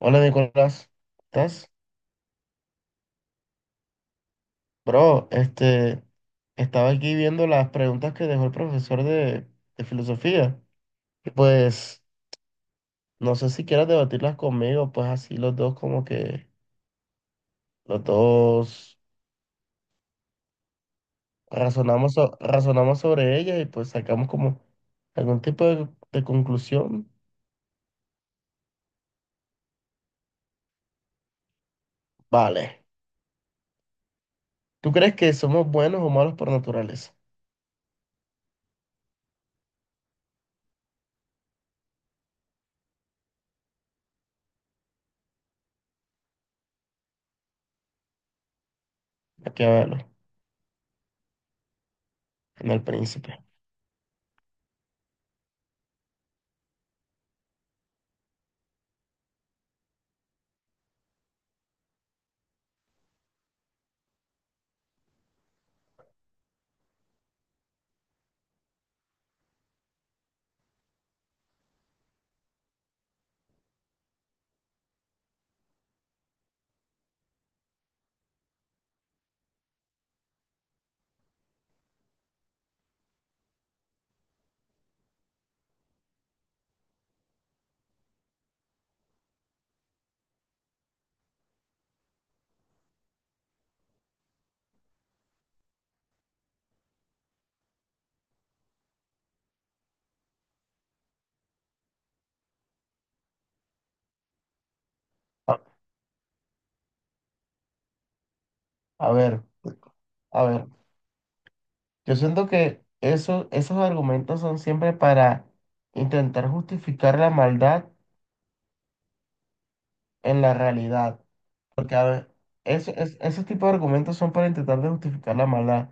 Hola Nicolás, ¿estás? Bro, estaba aquí viendo las preguntas que dejó el profesor de filosofía y pues no sé si quieras debatirlas conmigo, pues así los dos como que los dos razonamos, razonamos sobre ellas y pues sacamos como algún tipo de conclusión. Vale, ¿tú crees que somos buenos o malos por naturaleza? Aquí a verlo, en el príncipe. A, a ver, a ver. Yo siento que esos argumentos son siempre para intentar justificar la maldad en la realidad. Porque, a ver, esos tipos de argumentos son para intentar de justificar la maldad.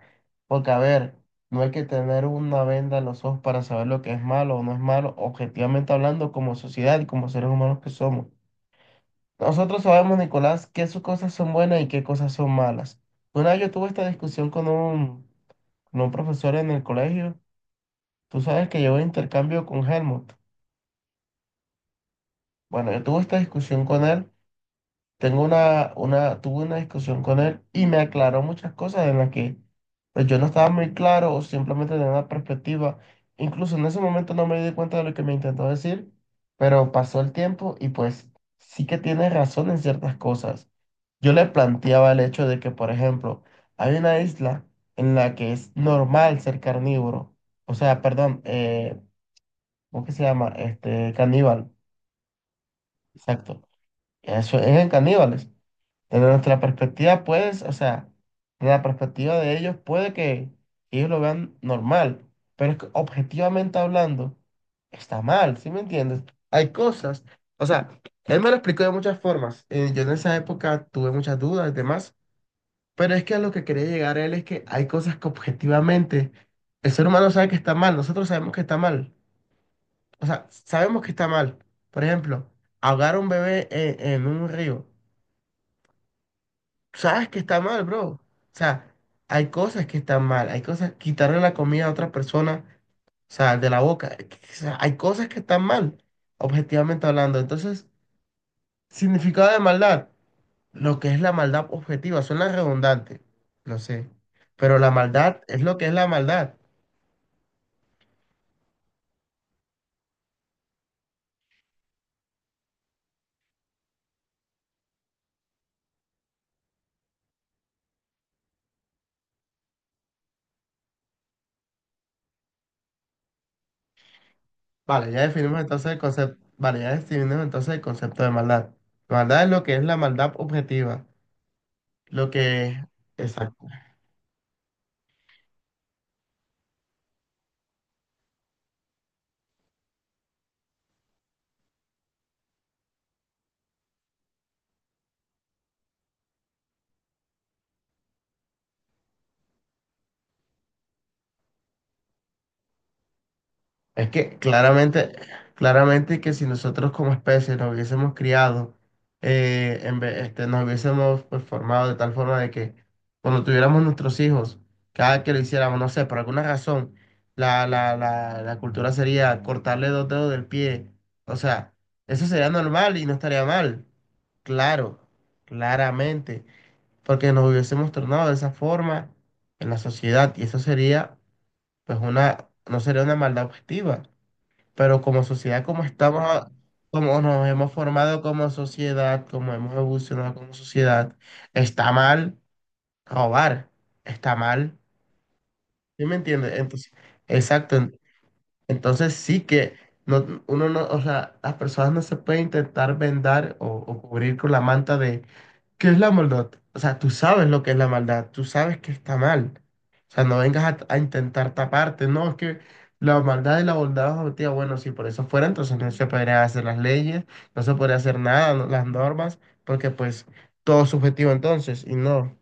Porque, a ver, no hay que tener una venda en los ojos para saber lo que es malo o no es malo, objetivamente hablando, como sociedad y como seres humanos que somos. Nosotros sabemos, Nicolás, qué sus cosas son buenas y qué cosas son malas. Una vez yo tuve esta discusión con un profesor en el colegio. Tú sabes que llevo intercambio con Helmut. Bueno, yo tuve esta discusión con él, tuve una discusión con él y me aclaró muchas cosas en las que pues yo no estaba muy claro o simplemente tenía una perspectiva. Incluso en ese momento no me di cuenta de lo que me intentó decir, pero pasó el tiempo y pues sí que tiene razón en ciertas cosas. Yo le planteaba el hecho de que, por ejemplo, hay una isla en la que es normal ser carnívoro, o sea, perdón, ¿cómo que se llama? Este, caníbal. Exacto. Eso es en caníbales. Desde nuestra perspectiva, pues, o sea, desde la perspectiva de ellos, puede que ellos lo vean normal, pero es que objetivamente hablando, está mal, ¿sí me entiendes? Hay cosas, o sea, él me lo explicó de muchas formas. Yo en esa época tuve muchas dudas y demás, pero es que a lo que quería llegar él es que hay cosas que objetivamente el ser humano sabe que está mal, nosotros sabemos que está mal. O sea, sabemos que está mal. Por ejemplo, ahogar a un bebé en un río. Sabes que está mal, bro. O sea, hay cosas que están mal. Hay cosas, quitarle la comida a otra persona, o sea, de la boca. O sea, hay cosas que están mal, objetivamente hablando. Entonces, significado de maldad, lo que es la maldad objetiva, suena redundante, no sé. Pero la maldad es lo que es la maldad. Vale, ya definimos entonces el concepto. Vale, ya definimos entonces el concepto de maldad. Maldad es lo que es la maldad objetiva. Lo que, exacto, es que claramente, claramente que si nosotros como especie nos hubiésemos criado, nos hubiésemos pues, formado de tal forma de que cuando tuviéramos nuestros hijos, cada que lo hiciéramos, no sé, por alguna razón, la cultura sería cortarle dos dedos del pie. O sea, eso sería normal y no estaría mal. Claro, claramente, porque nos hubiésemos tornado de esa forma en la sociedad y eso sería pues una, no sería una maldad objetiva, pero como sociedad, como estamos, como nos hemos formado como sociedad, como hemos evolucionado como sociedad, está mal robar, está mal, ¿sí me entiendes? Entonces, exacto, entonces sí que no, uno no, o sea, las personas no se pueden intentar vendar o cubrir con la manta de ¿qué es la maldad? O sea, tú sabes lo que es la maldad, tú sabes que está mal. O sea, no vengas a intentar taparte, no, es que la maldad y la bondad son objetivas. Bueno, si por eso fuera, entonces no se podrían hacer las leyes, no se podría hacer nada, las normas, porque pues todo es subjetivo entonces, y no.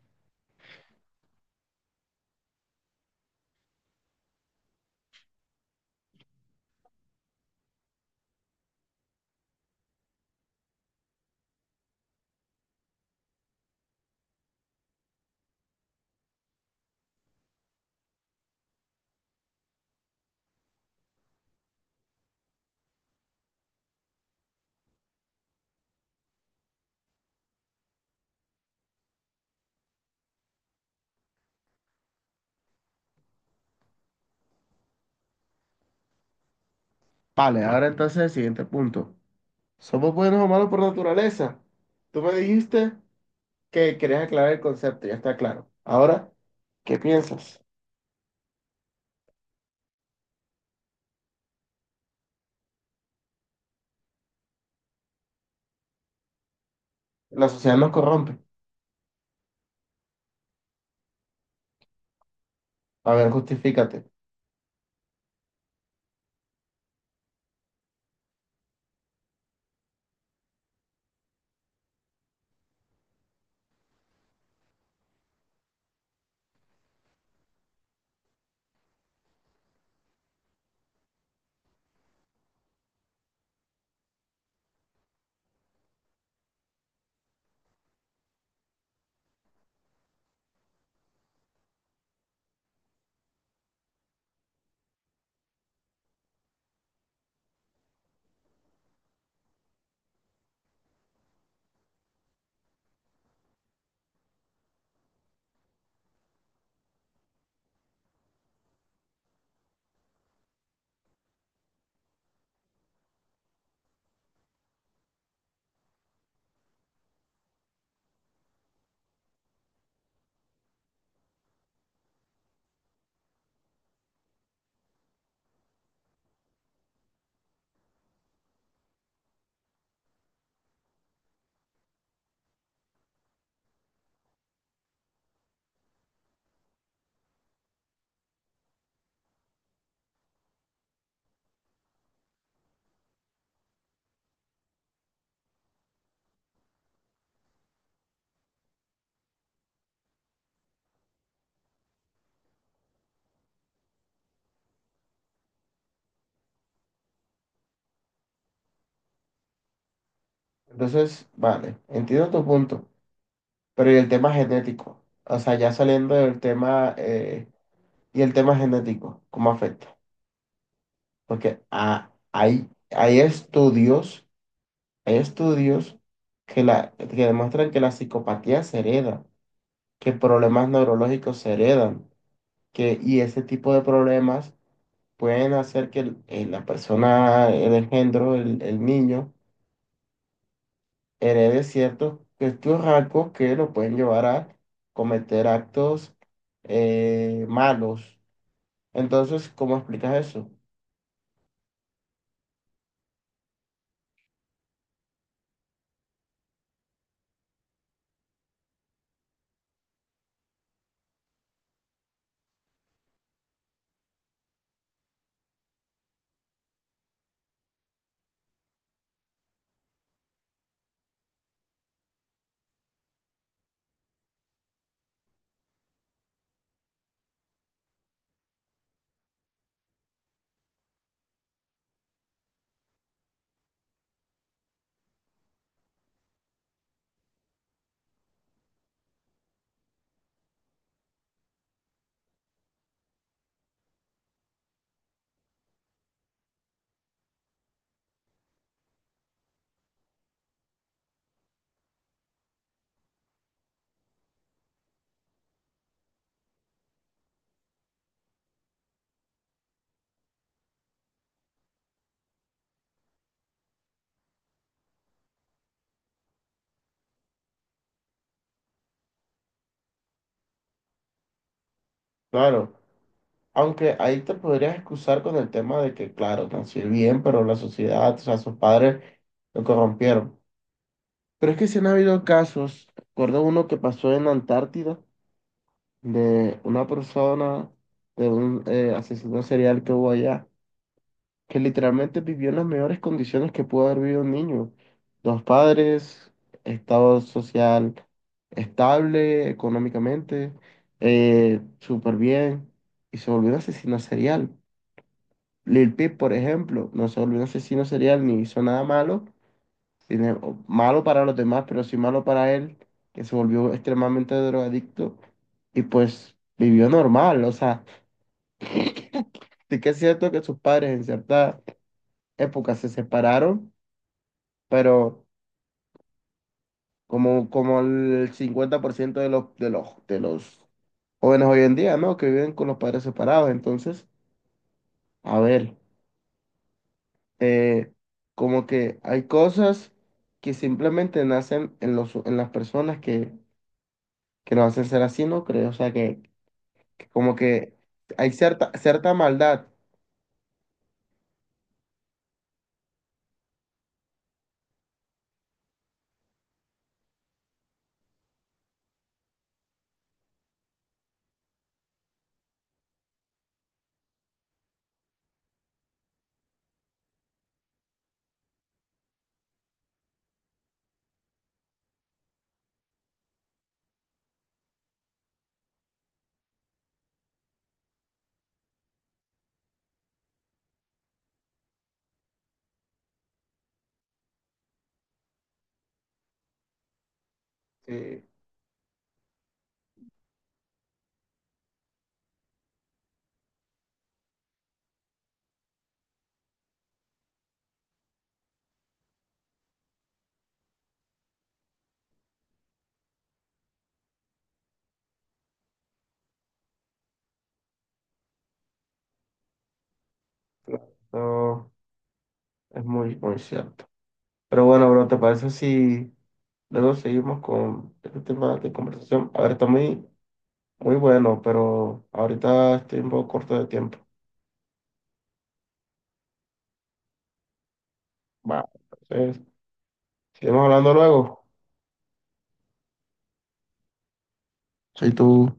Vale, ahora entonces el siguiente punto. ¿Somos buenos o malos por naturaleza? Tú me dijiste... que querías aclarar el concepto, ya está claro. Ahora, ¿qué piensas? La sociedad nos corrompe. A ver, justifícate. Entonces, vale, entiendo tu punto, pero ¿y el tema genético? O sea, ya saliendo del tema, y el tema genético, ¿cómo afecta? Porque hay estudios que demuestran que la psicopatía se hereda, que problemas neurológicos se heredan, que, y ese tipo de problemas pueden hacer que la persona, el engendro, el niño, herede ciertos estos rasgos que lo pueden llevar a cometer actos malos. Entonces, ¿cómo explicas eso? Claro, aunque ahí te podrías excusar con el tema de que, claro, nació bien, pero la sociedad, o sea, sus padres lo corrompieron. Pero es que sí han habido casos, recuerdo uno que pasó en la Antártida, de una persona, de un asesino serial que hubo allá que literalmente vivió en las mejores condiciones que pudo haber vivido un niño. Dos padres, estado social estable económicamente, súper bien, y se volvió un asesino serial. Lil Peep, por ejemplo, no se volvió un asesino serial ni hizo nada malo, o malo para los demás, pero sí malo para él, que se volvió extremadamente drogadicto y pues vivió normal. O sea, sí que es cierto que sus padres en cierta época se separaron, pero como, como el 50% de los jóvenes hoy en día, ¿no? Que viven con los padres separados. Entonces, a ver, eh, como que hay cosas que simplemente nacen en los, en las personas que nos hacen ser así, ¿no creo? O sea, que como que hay cierta, cierta maldad. Sí, claro, eso es muy, muy cierto. Pero bueno, bro, ¿te parece si luego seguimos con este tema de conversación? A ver, está muy muy bueno, pero ahorita estoy un poco corto de tiempo. Va, entonces, seguimos hablando luego. Soy tú.